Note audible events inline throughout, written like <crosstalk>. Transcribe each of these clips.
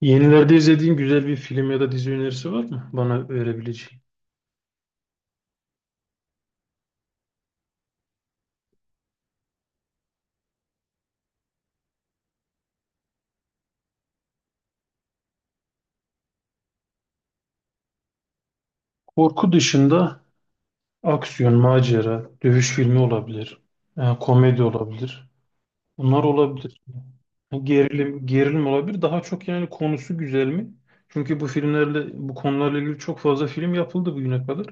Yenilerde izlediğin güzel bir film ya da dizi önerisi var mı bana verebileceğin? Korku dışında aksiyon, macera, dövüş filmi olabilir, komedi olabilir. Bunlar olabilir. Yani gerilim olabilir. Daha çok yani konusu güzel mi? Çünkü bu filmlerle, bu konularla ilgili çok fazla film yapıldı bugüne kadar.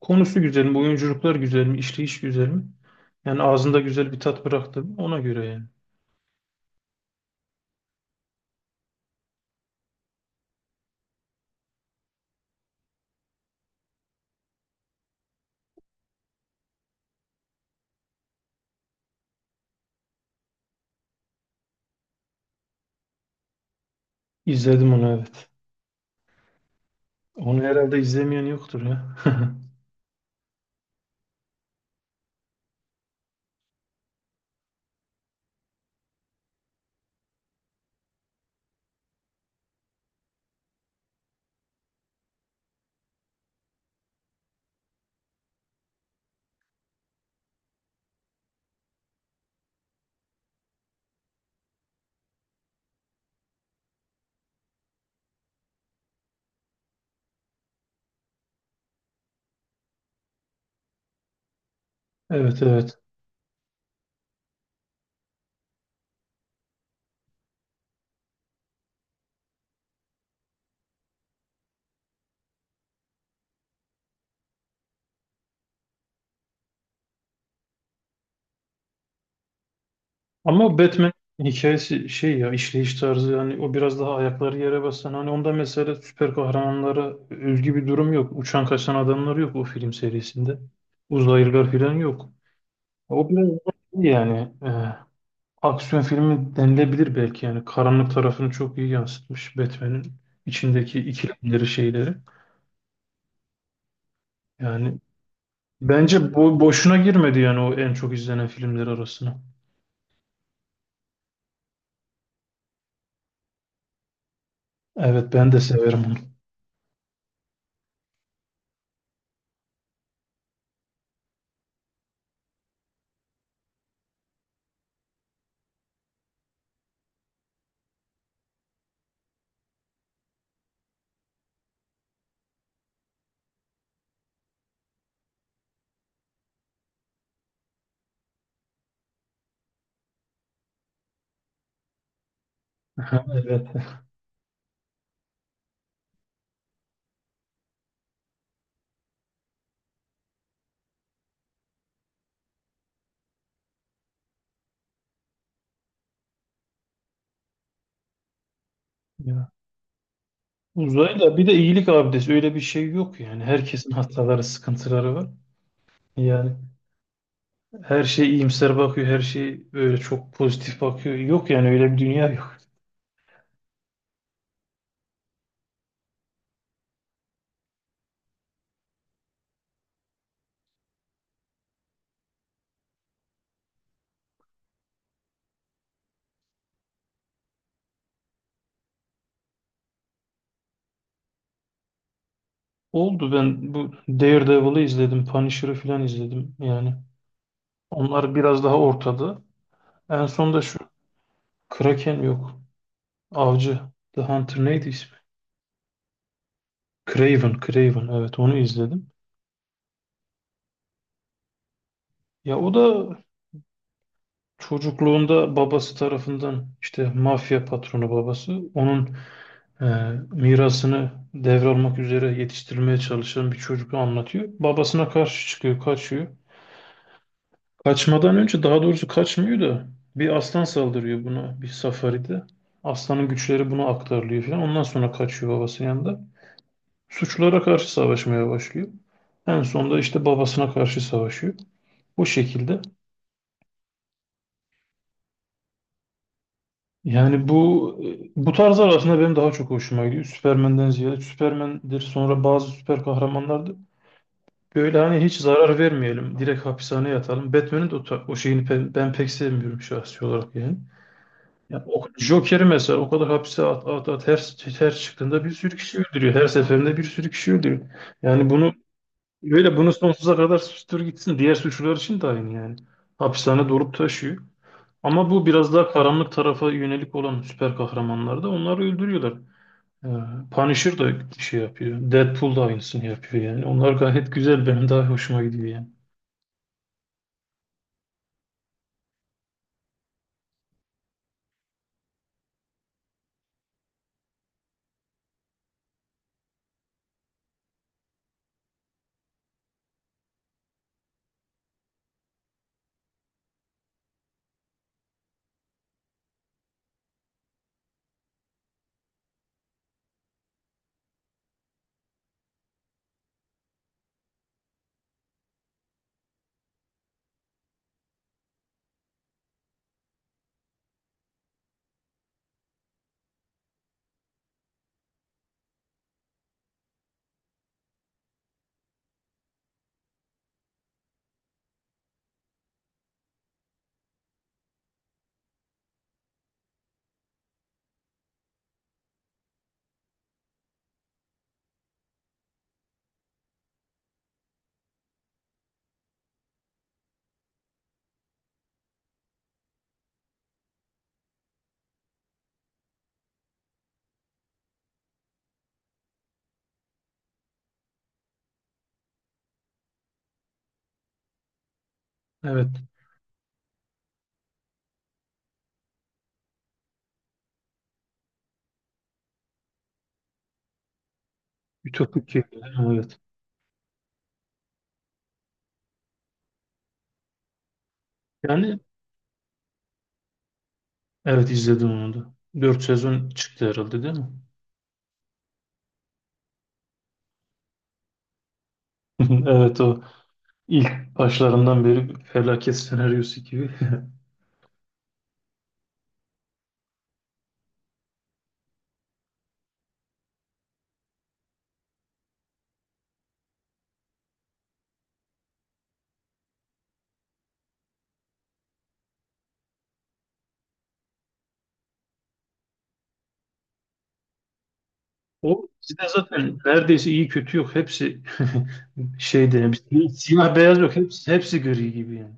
Konusu güzel mi? Oyunculuklar güzel mi? İşleyiş güzel mi? Yani ağzında güzel bir tat bıraktı mı? Ona göre yani. İzledim onu, evet. Onu herhalde izlemeyen yoktur ya. <laughs> Evet, evet. Ama Batman hikayesi şey ya, işleyiş tarzı, yani o biraz daha ayakları yere basan, hani onda mesela süper kahramanlara özgü bir durum yok. Uçan kaçan adamlar yok o film serisinde. Uzaylılar falan yok. O biraz iyi yani, aksiyon filmi denilebilir belki. Yani karanlık tarafını çok iyi yansıtmış Batman'in içindeki ikilemleri, şeyleri. Yani bence bu boşuna girmedi yani o en çok izlenen filmler arasına. Evet, ben de severim onu. <laughs> Evet. Ya. Uzayla bir de iyilik abidesi, öyle bir şey yok yani. Herkesin hataları, sıkıntıları var. Yani her şey iyimser bakıyor, her şey böyle çok pozitif bakıyor. Yok yani, öyle bir dünya yok. Oldu, ben bu Daredevil'ı izledim, Punisher'ı falan izledim yani. Onlar biraz daha ortada. En son da şu Kraken yok. Avcı, The Hunter neydi ismi? Craven, Craven, evet onu izledim. Ya o da çocukluğunda babası tarafından, işte mafya patronu babası. Onun e, mirasını devralmak üzere yetiştirilmeye çalışan bir çocuğu anlatıyor. Babasına karşı çıkıyor, kaçıyor. Kaçmadan önce, daha doğrusu kaçmıyor da, bir aslan saldırıyor buna bir safaride. Aslanın güçleri buna aktarılıyor falan. Ondan sonra kaçıyor babasının yanında. Suçlara karşı savaşmaya başlıyor. En sonunda işte babasına karşı savaşıyor. Bu şekilde. Yani bu tarzlar aslında benim daha çok hoşuma gidiyor. Süpermen'den ziyade Süpermen'dir, sonra bazı süper kahramanlardır. Böyle hani hiç zarar vermeyelim, direkt hapishaneye yatalım. Batman'in de o, ta- o şeyini pe- ben pek sevmiyorum şahsi olarak yani. Ya, o, Joker'i mesela o kadar hapse at at at, her, her çıktığında bir sürü kişi öldürüyor. Her seferinde bir sürü kişi öldürüyor. Yani bunu sonsuza kadar süstür gitsin. Diğer suçlular için de aynı yani. Hapishane dolup taşıyor. Ama bu biraz daha karanlık tarafa yönelik olan süper kahramanlar da onları öldürüyorlar. Ee, Punisher da şey yapıyor. Deadpool da aynısını yapıyor yani. Onlar gayet güzel. Benim daha hoşuma gidiyor yani. Evet. Ütopik. Yani, evet. Yani evet, izledim onu da. 4 sezon çıktı herhalde, değil mi? <laughs> Evet, o ilk başlarından beri bir felaket senaryosu gibi. <laughs> O bizde zaten neredeyse iyi kötü yok. Hepsi <laughs> şeyde yani, bir siyah beyaz yok. Hepsi gri gibi yani.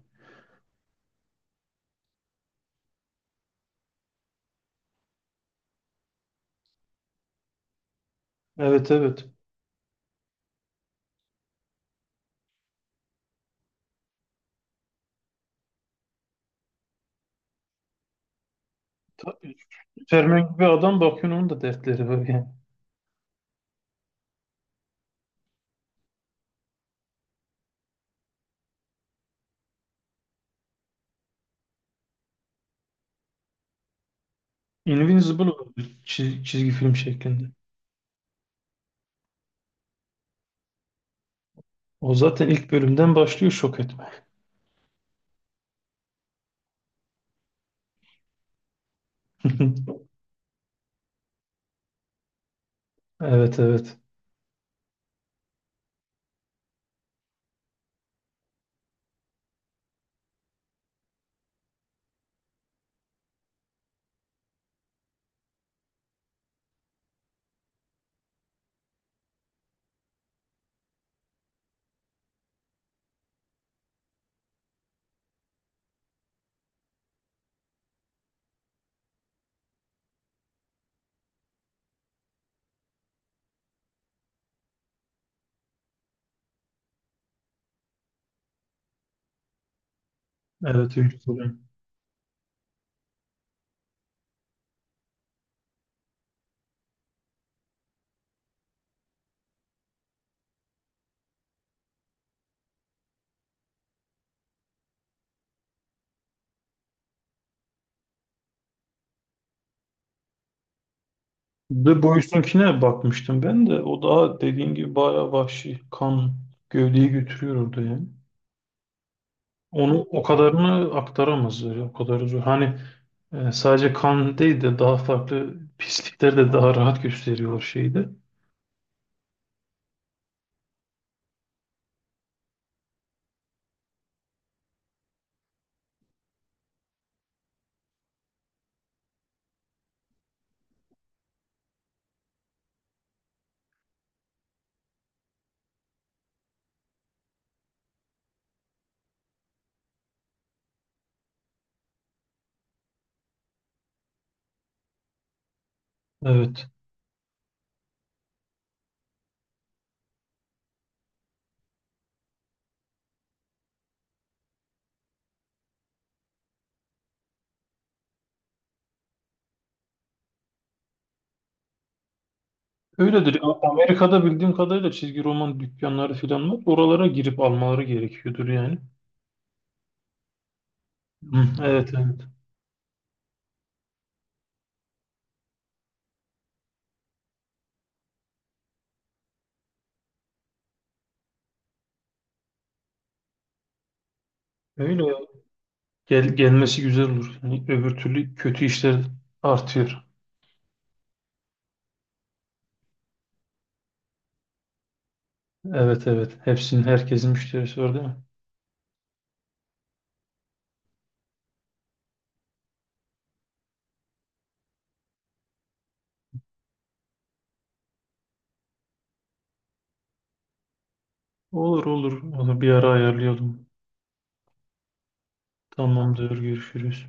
Evet, evet. Ta- Superman gibi adam, bakıyorsun onun da dertleri var yani. Invincible oldu, çiz- çizgi film şeklinde. O zaten ilk bölümden başlıyor şok etme. <laughs> Evet, evet. Evet, Jerusalem. De Boysun'kine bakmıştım ben de. O daha dediğin gibi bayağı vahşi. Kan gövdeyi götürüyor orada yani. Onu o kadarını aktaramazlar. Ya, o kadar zor. Hani sadece kan değil de daha farklı pislikler de daha rahat gösteriyor şeyde. Evet. Öyledir. A- Amerika'da bildiğim kadarıyla çizgi roman dükkanları falan var. Oralara girip almaları gerekiyordur yani. Hı, evet, evet. Öyle ya. Gel, gelmesi güzel olur. Yani öbür türlü kötü işler artıyor. Evet, evet. Hepsinin, herkesin müşterisi var değil mi? Olur, olur. Onu bir ara ayarlayalım. Tamamdır. Görüşürüz.